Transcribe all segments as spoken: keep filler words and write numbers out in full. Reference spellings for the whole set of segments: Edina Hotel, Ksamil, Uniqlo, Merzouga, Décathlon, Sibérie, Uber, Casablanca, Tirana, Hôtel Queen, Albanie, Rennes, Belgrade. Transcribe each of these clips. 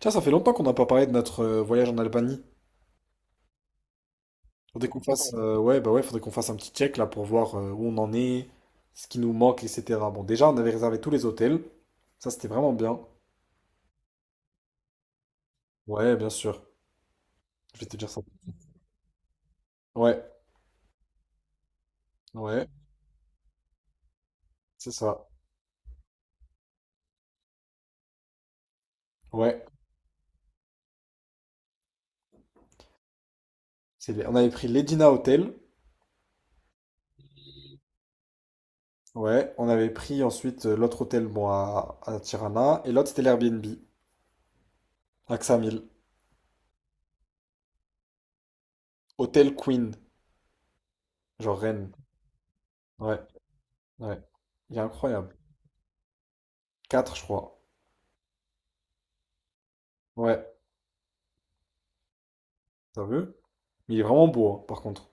Tiens, ça fait longtemps qu'on n'a pas parlé de notre euh, voyage en Albanie. Faudrait qu'on fasse, euh, ouais, bah ouais, faudrait qu'on fasse un petit check là pour voir euh, où on en est, ce qui nous manque, et cetera. Bon, déjà, on avait réservé tous les hôtels. Ça, c'était vraiment bien. Ouais, bien sûr. Je vais te dire ça. Ouais, ouais, c'est ça. Ouais. C'est les- On avait pris l'Edina Hotel. Ouais. On avait pris ensuite euh, l'autre hôtel, bon, à, à Tirana. Et l'autre, c'était l'Airbnb, à Ksamil. Hôtel Queen, genre Rennes. Ouais, ouais. Il est incroyable. Quatre, je crois. Ouais. Sérieux? Mais il est vraiment beau, hein, par contre.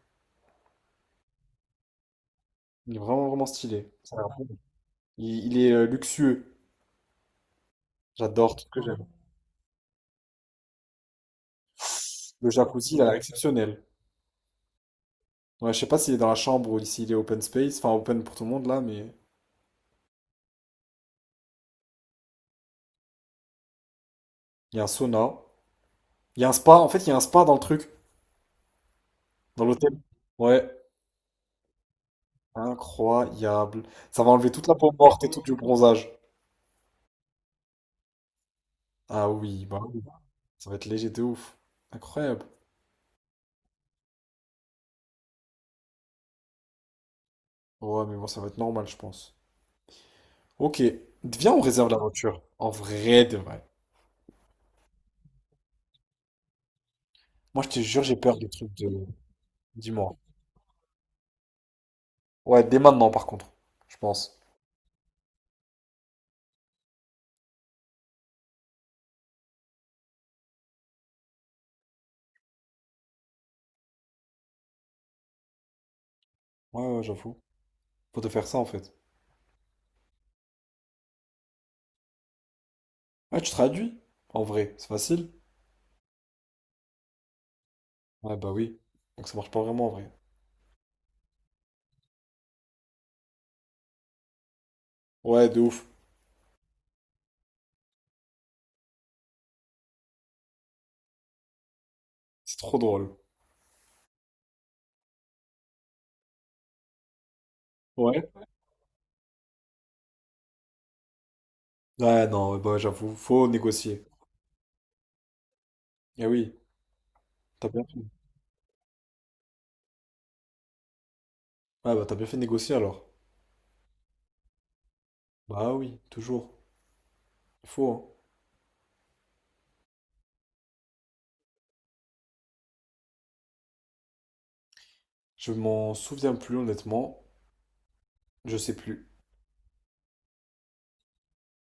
Il est vraiment, vraiment stylé. Il, il est euh, luxueux. J'adore tout ce que j'aime. Le jacuzzi, il a l'air exceptionnel. Ouais, je sais pas s'il est dans la chambre ou s'il est open space, enfin open pour tout le monde là, mais il y a un sauna. Il y a un spa, en fait, il y a un spa dans le truc, dans l'hôtel. Ouais, incroyable. Ça va enlever toute la peau morte et tout du bronzage. Ah oui, bah oui. Ça va être léger de ouf. Incroyable. Ouais, mais bon, ça va être normal, je pense. Ok. Viens, on réserve la voiture. En vrai de vrai. Moi, je te jure, j'ai peur des trucs de... Dis-moi. Ouais, dès maintenant, par contre, je pense. Ouais, ouais, j'avoue. Faut te faire ça, en fait. Ouais, tu traduis, en vrai. C'est facile. Ouais, bah oui. Donc ça marche pas vraiment, en vrai. Ouais, de ouf. C'est trop drôle. Ouais. Ouais, non, ouais, bah j'avoue, faut négocier. Eh oui, t'as bien fait. Ouais, bah t'as bien fait de négocier, alors. Bah oui, toujours. Il faut, hein. Je m'en souviens plus, honnêtement. Je sais plus.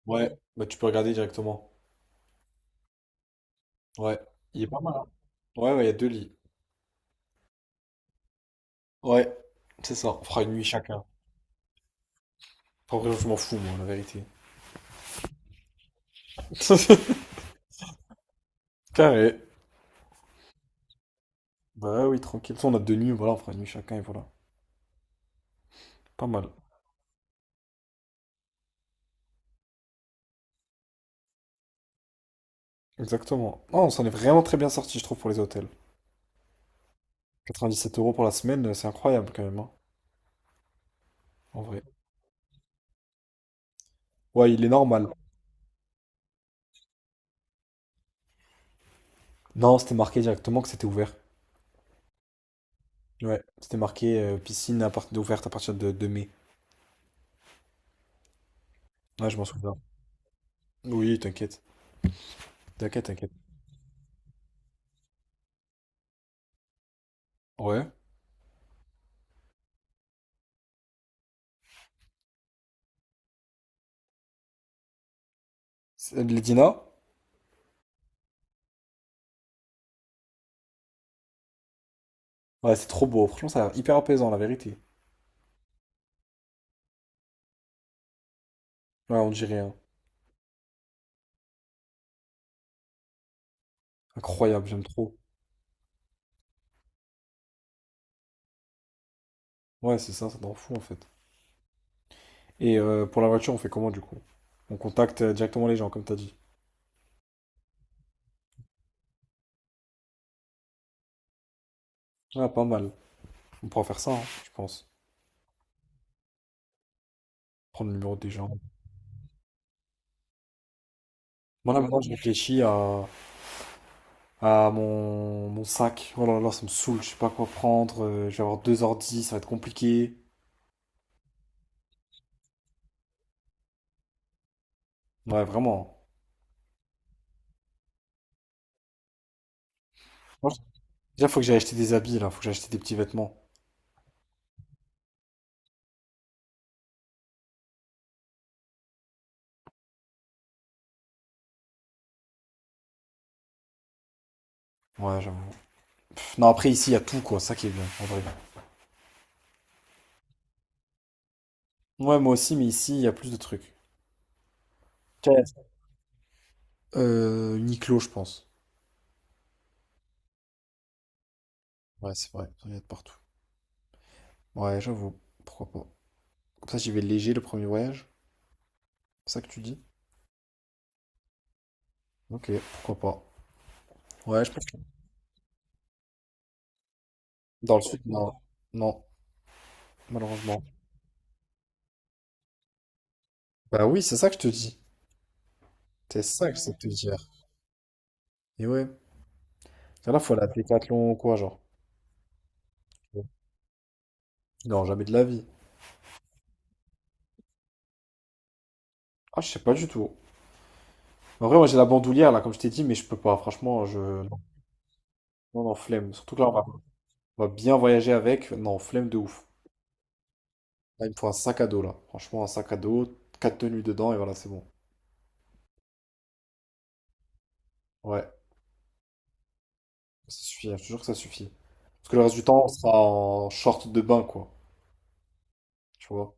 Ouais, bah tu peux regarder directement. Ouais. Il est pas mal, hein. Ouais, ouais, il y a deux lits. Ouais, c'est ça. On fera une nuit chacun. En vrai, je m'en fous, moi, la vérité. Carré. Bah ouais, oui, tranquille. On a deux nuits, voilà, on fera une nuit chacun et voilà. Pas mal. Exactement. Non, on s'en est vraiment très bien sorti, je trouve, pour les hôtels. quatre-vingt-dix-sept euros pour la semaine, c'est incroyable quand même, hein, en vrai. Ouais, il est normal. Non, c'était marqué directement que c'était ouvert. Ouais, c'était marqué euh, piscine à partir ouverte à partir de, de mai. Ouais, je m'en souviens. Oui, t'inquiète. T'inquiète, t'inquiète. Ouais. C'est- euh, Les dîners? Ouais, c'est trop beau. Franchement, ça a l'air hyper apaisant, la vérité. Ouais, on dirait, hein. Incroyable, j'aime trop. Ouais, c'est ça, ça t'en fout en fait. Et euh, pour la voiture, on fait comment du coup? On contacte euh, directement les gens, comme t'as dit. Ah, pas mal. On pourra faire ça, hein, je pense. Prendre le numéro des gens. Moi, là, maintenant, je réfléchis à, à mon, mon sac. Oh là là, ça me saoule. Je sais pas quoi prendre. Euh, je vais avoir deux ordi, ça va être compliqué. Ouais, vraiment. Moi, je- Déjà, faut que j'aille acheter des habits, là. Faut que j'aille acheter des petits vêtements. Ouais, j'avoue. Pff, non, après, ici, il y a tout, quoi. Ça qui est bien, en vrai. Ouais, moi aussi, mais ici, il y a plus de trucs. Ok. Euh, Uniqlo, je pense. Ouais, c'est vrai. Il y a de partout. Ouais, j'avoue. Pourquoi pas. Comme ça, j'y vais léger le premier voyage. C'est ça que tu dis? Ok, pourquoi pas. Ouais, je pense que dans le sud, non. Non, malheureusement. Bah oui, c'est ça que je te dis. C'est ça que j'essaie de te dire. Et ouais. Et là, faut aller à Décathlon ou quoi, genre. Non, jamais de la vie. Ah, je sais pas du tout. En vrai, moi, j'ai la bandoulière, là, comme je t'ai dit, mais je peux pas. Franchement, je... non, non, non, flemme. Surtout que là, on va, on va bien voyager avec. Non, flemme de ouf. Là, il me faut un sac à dos, là. Franchement, un sac à dos, quatre tenues dedans, et voilà, c'est bon. Ouais. Ça suffit, hein, je te jure que ça suffit. Parce que le reste du temps, on sera en short de bain, quoi. Tu vois.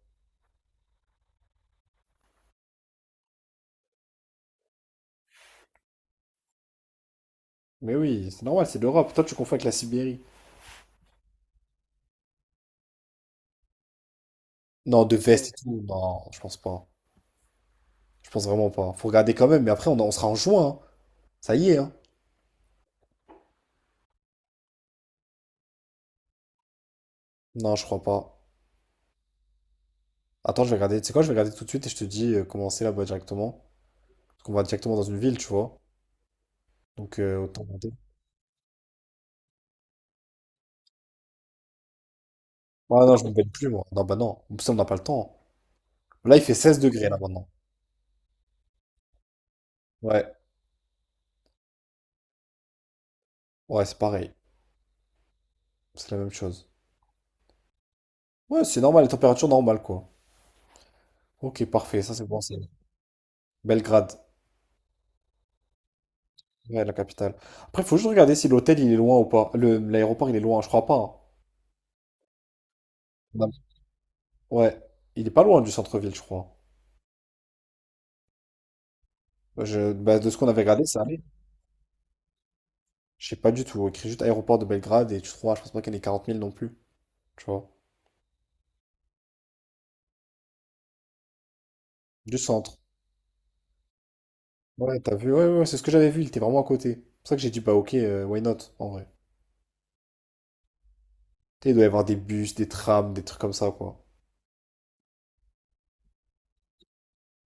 Mais oui, c'est normal, c'est l'Europe. Toi, tu confonds avec la Sibérie. Non, de veste et tout. Non, je pense pas. Je pense vraiment pas. Faut regarder quand même, mais après, on, on sera en juin, hein. Ça y est, hein. Non, je crois pas. Attends, je vais regarder. Tu sais quoi, je vais regarder tout de suite et je te dis euh, comment c'est là-bas directement. Parce qu'on va directement dans une ville, tu vois. Donc, euh, autant regarder. Ah non, je me baigne plus, moi. Non, bah non. En plus, on n'a pas le temps. Là, il fait seize degrés, là, maintenant. Ouais, ouais, c'est pareil. C'est la même chose. Ouais, c'est normal, les températures normales, quoi. Ok, parfait, ça c'est bon signe. Belgrade, ouais, la capitale. Après, faut juste regarder si l'hôtel il est loin ou pas. Le, l'aéroport il est loin, je crois pas, hein. Non. Ouais, il est pas loin du centre-ville, je crois. Je, bah, de ce qu'on avait regardé, ça allait. Je sais pas du tout. Écrit juste aéroport de Belgrade et tu trouveras, je pense pas qu'il y ait quarante mille non plus, tu vois. Du centre. Ouais, t'as vu, ouais, ouais, c'est ce que j'avais vu, il était vraiment à côté. C'est pour ça que j'ai dit, bah ok, euh, why not, en vrai. Tu sais, il doit y avoir des bus, des trams, des trucs comme ça, quoi.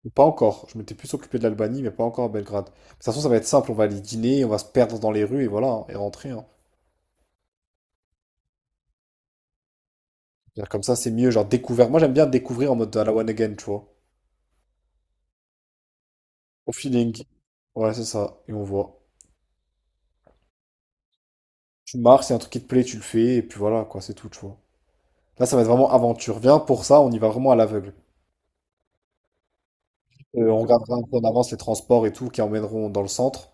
Ou pas encore. Je m'étais plus occupé de l'Albanie, mais pas encore à Belgrade. De toute façon, ça va être simple. On va aller dîner, on va se perdre dans les rues et voilà, hein, et rentrer, hein. C'est-à-dire comme ça, c'est mieux. Genre découvert. Moi, j'aime bien découvrir en mode à la one again, tu vois. Au feeling. Ouais, c'est ça. Et on voit. Tu marches, c'est un truc qui te plaît, tu le fais, et puis voilà, quoi, c'est tout, tu vois. Là, ça va être vraiment aventure. Viens pour ça, on y va vraiment à l'aveugle. Euh, on regardera un peu en avance les transports et tout qui emmèneront dans le centre,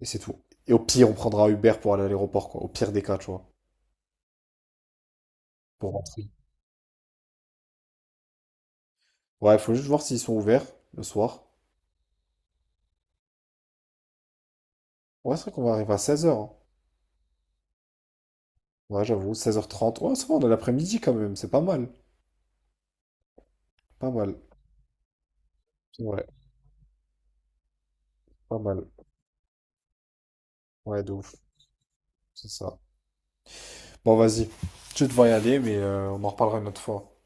et c'est tout. Et au pire, on prendra Uber pour aller à l'aéroport, quoi. Au pire des cas, tu vois, pour rentrer. Ouais, il faut juste voir s'ils sont ouverts le soir. Ouais, c'est vrai qu'on va arriver à seize heures. Ouais, j'avoue, seize heures trente. Ouais, ça va, on est l'après-midi quand même. C'est pas mal. Pas mal. Ouais, pas mal. Ouais, de ouf. C'est ça. Bon, vas-y. Je vais devoir y aller, mais euh, on en reparlera une autre fois.